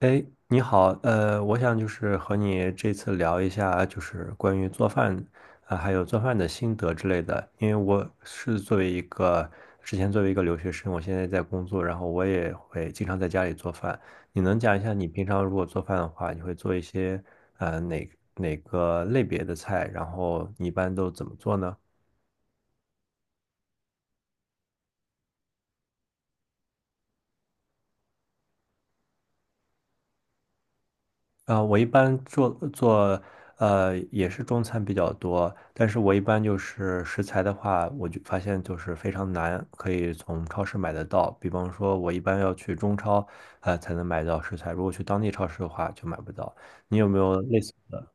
哎，你好，我想就是和你这次聊一下，就是关于做饭啊，还有做饭的心得之类的。因为我是作为一个之前作为一个留学生，我现在在工作，然后我也会经常在家里做饭。你能讲一下你平常如果做饭的话，你会做一些呃哪哪个类别的菜，然后你一般都怎么做呢？啊，我一般做也是中餐比较多，但是我一般就是食材的话，我就发现就是非常难，可以从超市买得到。比方说，我一般要去中超，才能买到食材，如果去当地超市的话就买不到。你有没有类似的？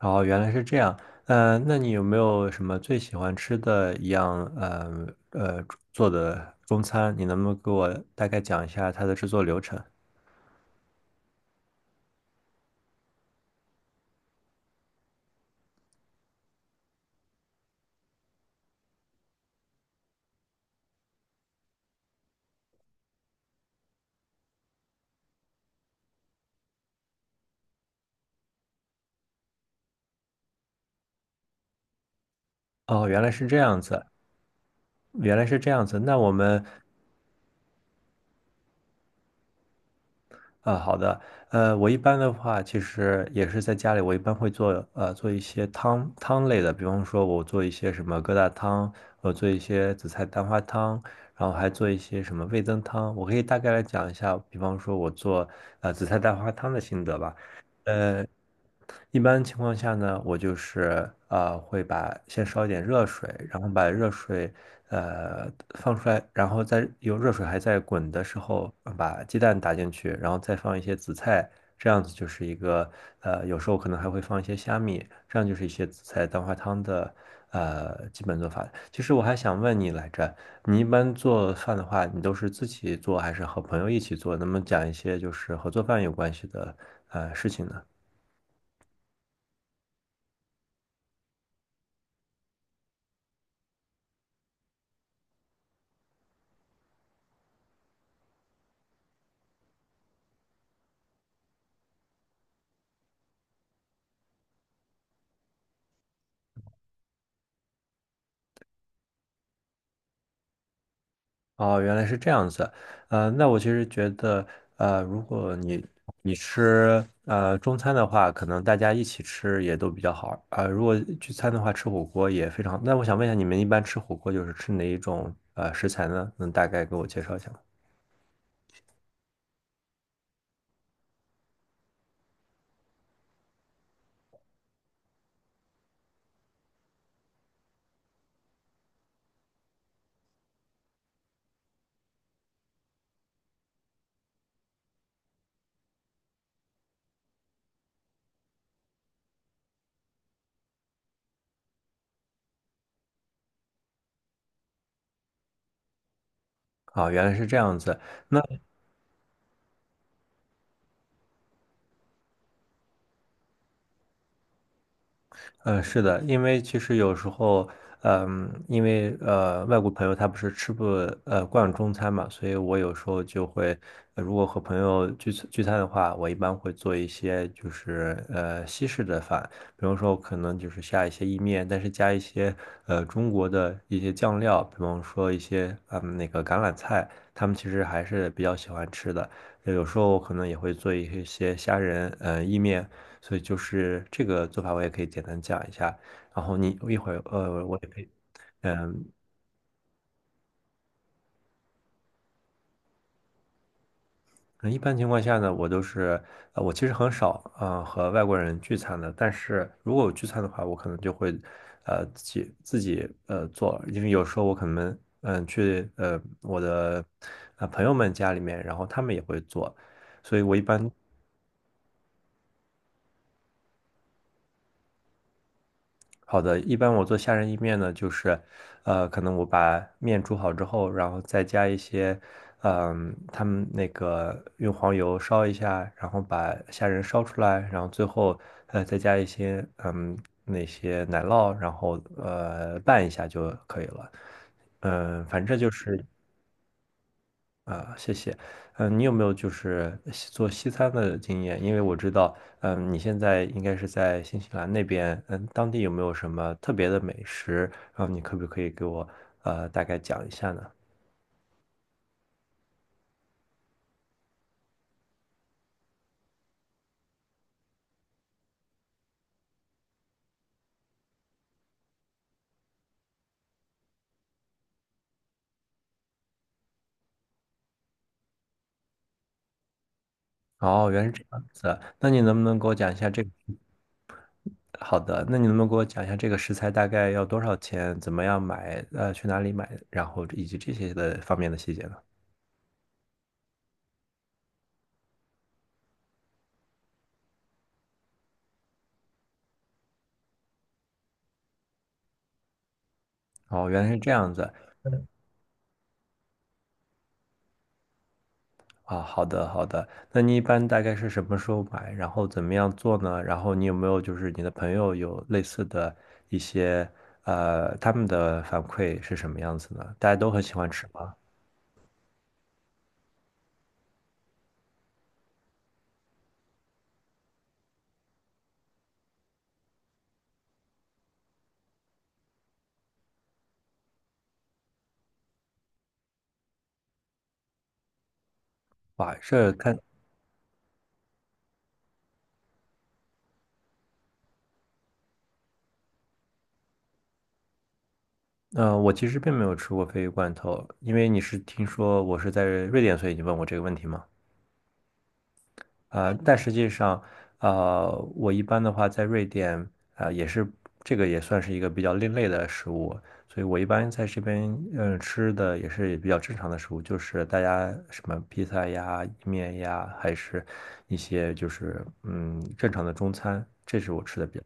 哦，原来是这样。那你有没有什么最喜欢吃的一样做的中餐？你能不能给我大概讲一下它的制作流程？哦，原来是这样子。原来是这样子，那我们，好的，我一般的话，其实也是在家里，我一般会做，做一些汤汤类的，比方说，我做一些什么疙瘩汤，我做一些紫菜蛋花汤，然后还做一些什么味增汤。我可以大概来讲一下，比方说我做，紫菜蛋花汤的心得吧。呃，一般情况下呢，我就是会把先烧一点热水，然后把热水呃放出来，然后再有热水还在滚的时候，把鸡蛋打进去，然后再放一些紫菜，这样子就是一个有时候可能还会放一些虾米，这样就是一些紫菜蛋花汤的基本做法。其实我还想问你来着，你一般做饭的话，你都是自己做还是和朋友一起做？能不能讲一些就是和做饭有关系的事情呢？哦，原来是这样子，那我其实觉得，如果你吃中餐的话，可能大家一起吃也都比较好，如果聚餐的话，吃火锅也非常。那我想问一下，你们一般吃火锅就是吃哪一种食材呢？能大概给我介绍一下吗？啊，原来是这样子。那。嗯，是的，因为其实有时候，嗯，因为外国朋友他不是吃不惯中餐嘛，所以我有时候就会，如果和朋友聚餐的话，我一般会做一些就是西式的饭，比方说可能就是下一些意面，但是加一些中国的一些酱料，比方说一些那个橄榄菜，他们其实还是比较喜欢吃的。有时候我可能也会做一些虾仁意面。所以就是这个做法，我也可以简单讲一下。然后你一会儿，我也可以，嗯，那一般情况下呢，我都是，我其实很少，和外国人聚餐的。但是如果我聚餐的话，我可能就会，自己做，因为有时候我可能，嗯、去我的朋友们家里面，然后他们也会做，所以我一般好的，一般我做虾仁意面呢，就是，可能我把面煮好之后，然后再加一些，嗯，他们那个用黄油烧一下，然后把虾仁烧出来，然后最后，再加一些，嗯，那些奶酪，然后拌一下就可以了。嗯，反正就是啊，谢谢。嗯，你有没有就是做西餐的经验？因为我知道，嗯，你现在应该是在新西兰那边，嗯，当地有没有什么特别的美食？然后你可不可以给我大概讲一下呢？哦，原来是这样子啊。那你能不能给我讲一下这个？好的，那你能不能给我讲一下这个食材大概要多少钱？怎么样买？去哪里买？然后以及这些的方面的细节呢？哦，原来是这样子。啊，好的好的，那你一般大概是什么时候买，然后怎么样做呢？然后你有没有就是你的朋友有类似的一些他们的反馈是什么样子呢？大家都很喜欢吃吗？哇，这看，我其实并没有吃过鲱鱼罐头，因为你是听说我是在瑞典，所以你问我这个问题吗？但实际上，我一般的话在瑞典，啊、也是这个也算是一个比较另类的食物，所以我一般在这边，嗯、吃的也是比较正常的食物，就是大家什么披萨呀、意面呀，还是一些就是正常的中餐，这是我吃的比较。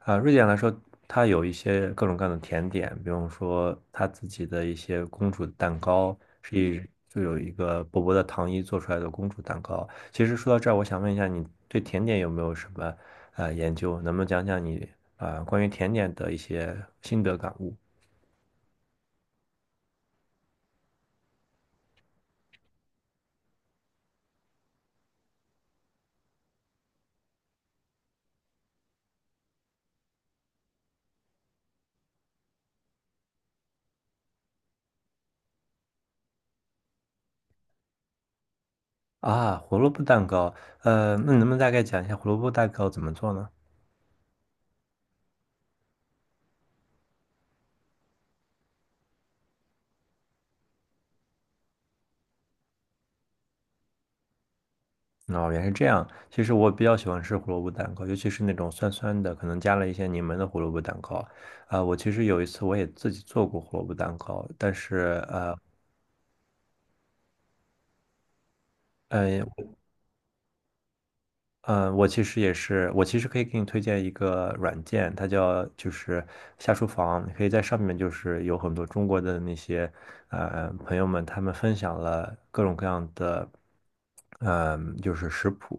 啊，瑞典来说，它有一些各种各样的甜点，比如说它自己的一些公主蛋糕，是以就有一个薄薄的糖衣做出来的公主蛋糕。其实说到这儿，我想问一下，你对甜点有没有什么研究？能不能讲讲你关于甜点的一些心得感悟？啊，胡萝卜蛋糕，那你能不能大概讲一下胡萝卜蛋糕怎么做呢？哦，原来是这样。其实我比较喜欢吃胡萝卜蛋糕，尤其是那种酸酸的，可能加了一些柠檬的胡萝卜蛋糕。啊、我其实有一次我也自己做过胡萝卜蛋糕，但是嗯我其实也是，我其实可以给你推荐一个软件，它叫就是下厨房，你可以在上面就是有很多中国的那些朋友们，他们分享了各种各样的。嗯，就是食谱。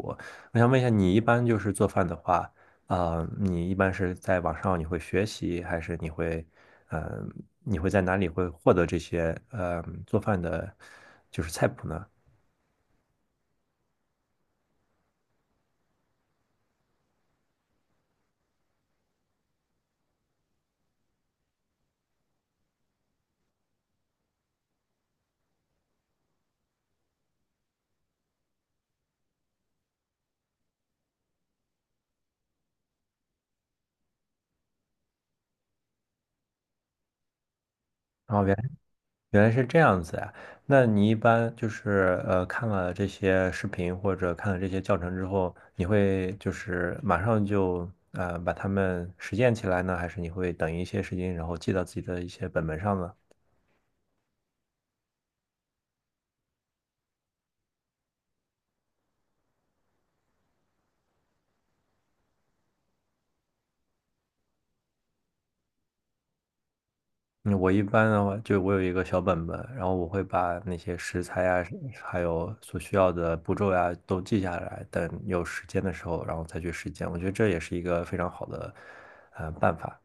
我想问一下，你一般就是做饭的话，啊、你一般是在网上你会学习，还是你会，嗯、你会在哪里会获得这些，做饭的，就是菜谱呢？然后原来是这样子呀、那你一般就是看了这些视频或者看了这些教程之后，你会就是马上就把它们实践起来呢，还是你会等一些时间，然后记到自己的一些本本上呢？嗯，我一般的话，就我有一个小本本，然后我会把那些食材呀，还有所需要的步骤呀，都记下来，等有时间的时候，然后再去实践。我觉得这也是一个非常好的，办法。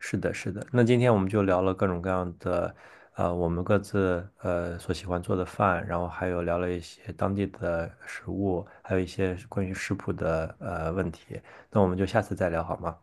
是的，是的。那今天我们就聊了各种各样的，我们各自所喜欢做的饭，然后还有聊了一些当地的食物，还有一些关于食谱的问题。那我们就下次再聊好吗？